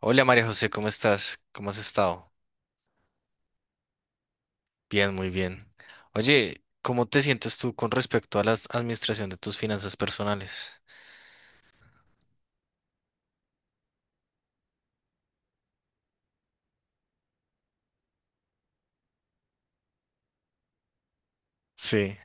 Hola María José, ¿cómo estás? ¿Cómo has estado? Bien, muy bien. Oye, ¿cómo te sientes tú con respecto a la administración de tus finanzas personales? Sí.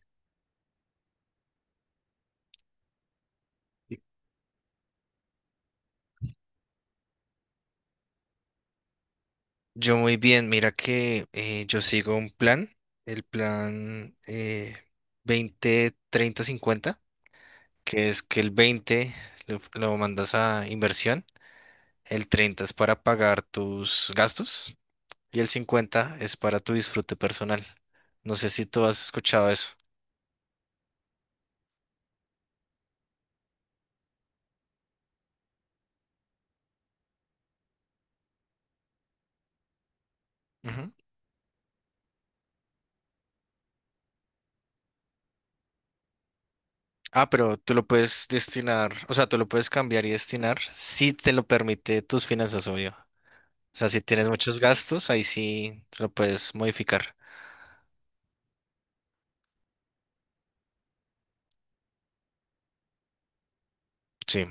Yo muy bien, mira que yo sigo un plan, el plan 20, 30, 50, que es que el 20 lo mandas a inversión, el 30 es para pagar tus gastos y el 50 es para tu disfrute personal. No sé si tú has escuchado eso. Ah, pero tú lo puedes destinar, o sea, tú lo puedes cambiar y destinar si te lo permite tus finanzas, obvio. O sea, si tienes muchos gastos, ahí sí lo puedes modificar. Sí,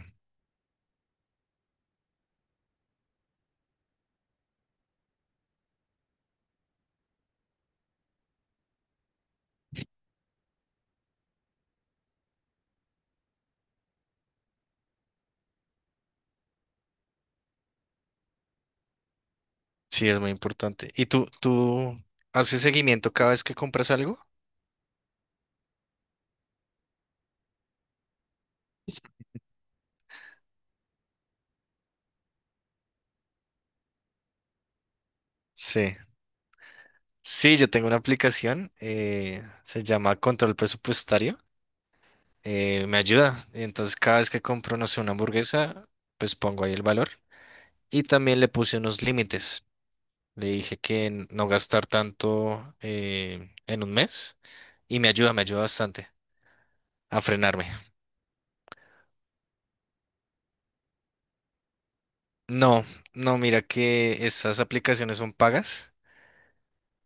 sí, es muy importante. ¿Y tú haces seguimiento cada vez que compras algo? Sí. Sí, yo tengo una aplicación, se llama Control Presupuestario, me ayuda. Entonces, cada vez que compro, no sé, una hamburguesa, pues pongo ahí el valor. Y también le puse unos límites. Le dije que no gastar tanto en un mes y me ayuda bastante a frenarme. No, no, mira que esas aplicaciones son pagas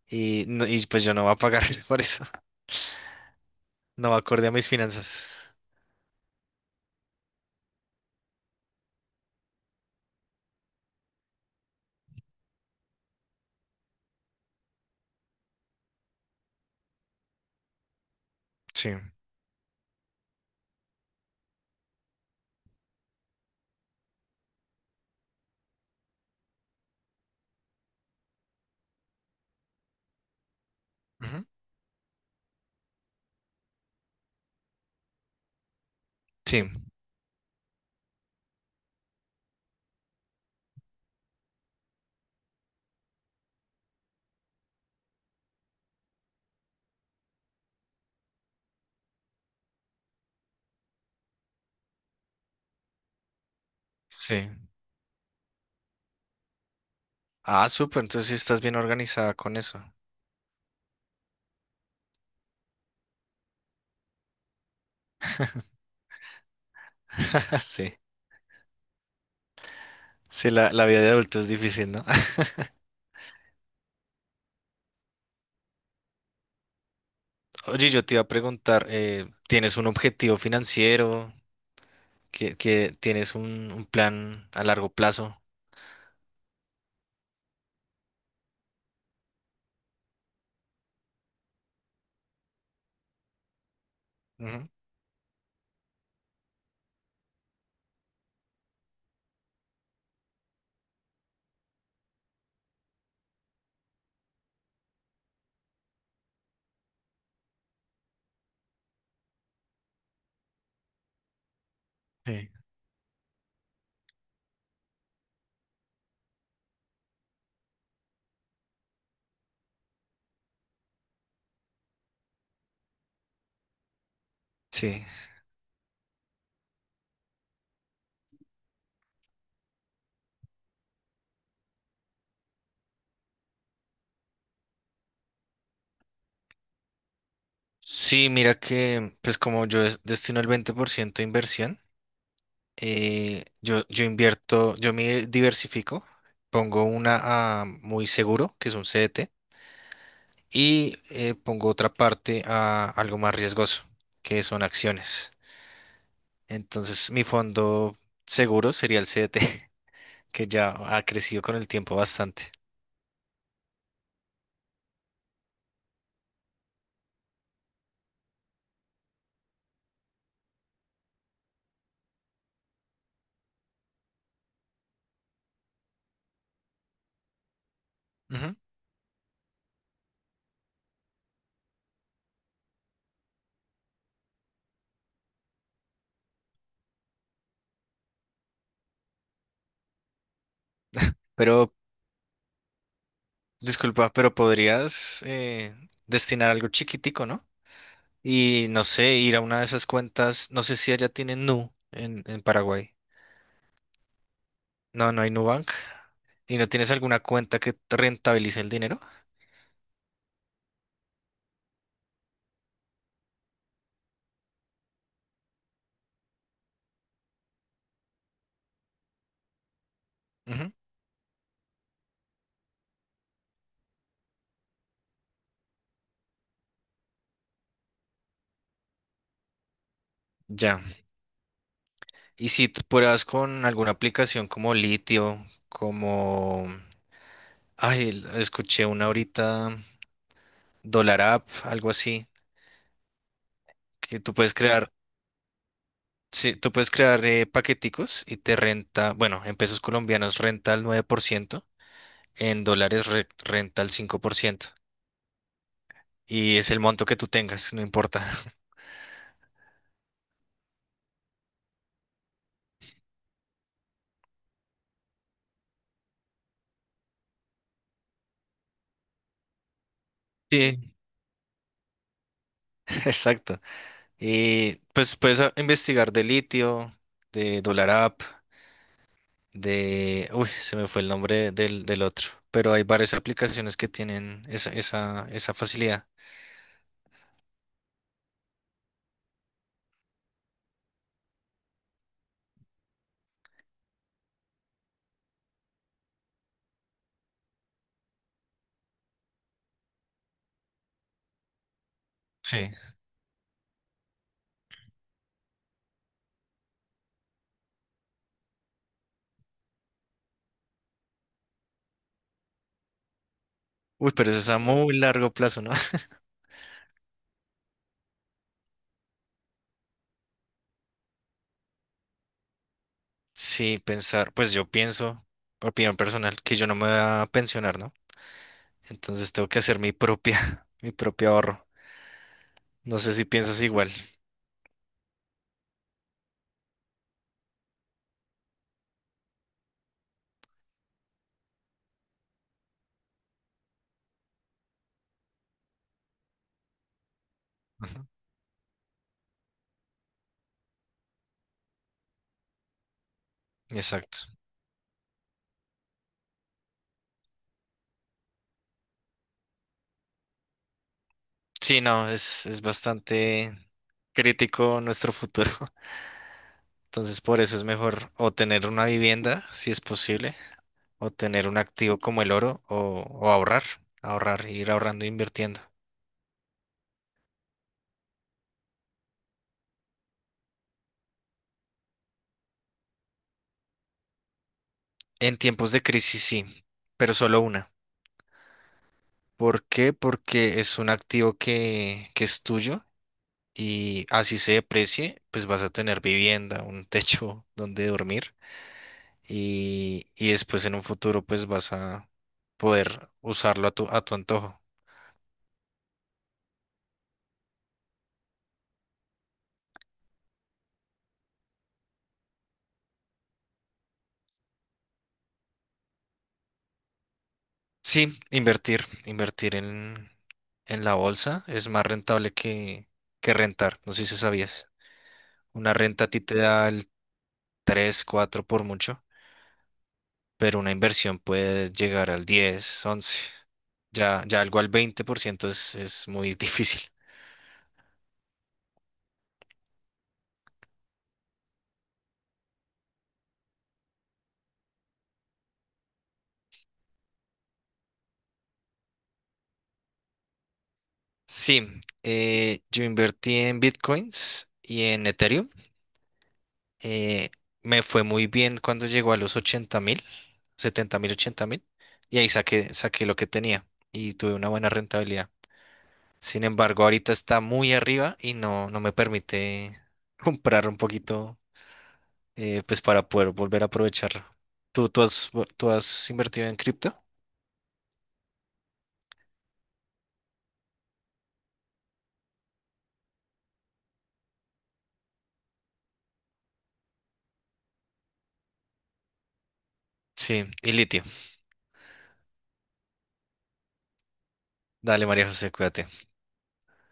y, y pues yo no voy a pagar por eso. No va acorde a mis finanzas. Sí. Ujú. Sí, sí. Ah, súper, entonces sí estás bien organizada con eso. Sí, sí, la vida de adulto es difícil, ¿no? Oye, yo te iba a preguntar, ¿tienes un objetivo financiero? ¿Que tienes un plan a largo plazo? Ujú. Sí, sí. Sí, mira que, pues como yo destino el 20% de inversión, yo invierto, yo me diversifico, pongo una a muy seguro, que es un CDT, y pongo otra parte a algo más riesgoso, que son acciones. Entonces, mi fondo seguro sería el CDT, que ya ha crecido con el tiempo bastante. Ujú. Pero, disculpa, pero podrías destinar algo chiquitico, ¿no? Y no sé, ir a una de esas cuentas, no sé si allá tienen Nu en Paraguay. No, no hay Nubank. ¿Y no tienes alguna cuenta que te rentabilice el dinero? Ujú. Ya. Y si tú pruebas con alguna aplicación como Litio, como... Ay, escuché una ahorita, Dollar App, algo así, que tú puedes crear, sí, tú puedes crear paqueticos y te renta, bueno, en pesos colombianos renta el 9%, en dólares renta el 5%. Y es el monto que tú tengas, no importa. Sí. Exacto. Y pues puedes investigar de litio, de Dollar App, de... Uy, se me fue el nombre del otro. Pero hay varias aplicaciones que tienen esa, esa, esa facilidad. Sí. Uy, pero eso es a muy largo plazo, ¿no? Sí, pensar, pues yo pienso, opinión personal, que yo no me voy a pensionar, ¿no? Entonces tengo que hacer mi propia, mi propio ahorro. No sé si piensas igual. Ujú. Exacto. Sí, no, es bastante crítico nuestro futuro. Entonces, por eso es mejor o tener una vivienda, si es posible, o tener un activo como el oro, o ahorrar, ahorrar, ir ahorrando e invirtiendo. En tiempos de crisis, sí, pero solo una. ¿Por qué? Porque es un activo que es tuyo, y así se deprecie, pues vas a tener vivienda, un techo donde dormir, y después en un futuro pues vas a poder usarlo a tu antojo. Sí, invertir, invertir en la bolsa es más rentable que rentar, no sé si sabías. Una renta a ti te da el 3, 4 por mucho, pero una inversión puede llegar al 10, 11, ya, ya algo al 20% es muy difícil. Sí, yo invertí en bitcoins y en Ethereum. Eh, me fue muy bien cuando llegó a los 80.000, 70.000, 80.000, y ahí saqué, saqué lo que tenía y tuve una buena rentabilidad. Sin embargo, ahorita está muy arriba y no, no me permite comprar un poquito, pues para poder volver a aprovecharlo. ¿Tú has, tú has invertido en cripto? Sí, y litio. Dale, María José, cuídate.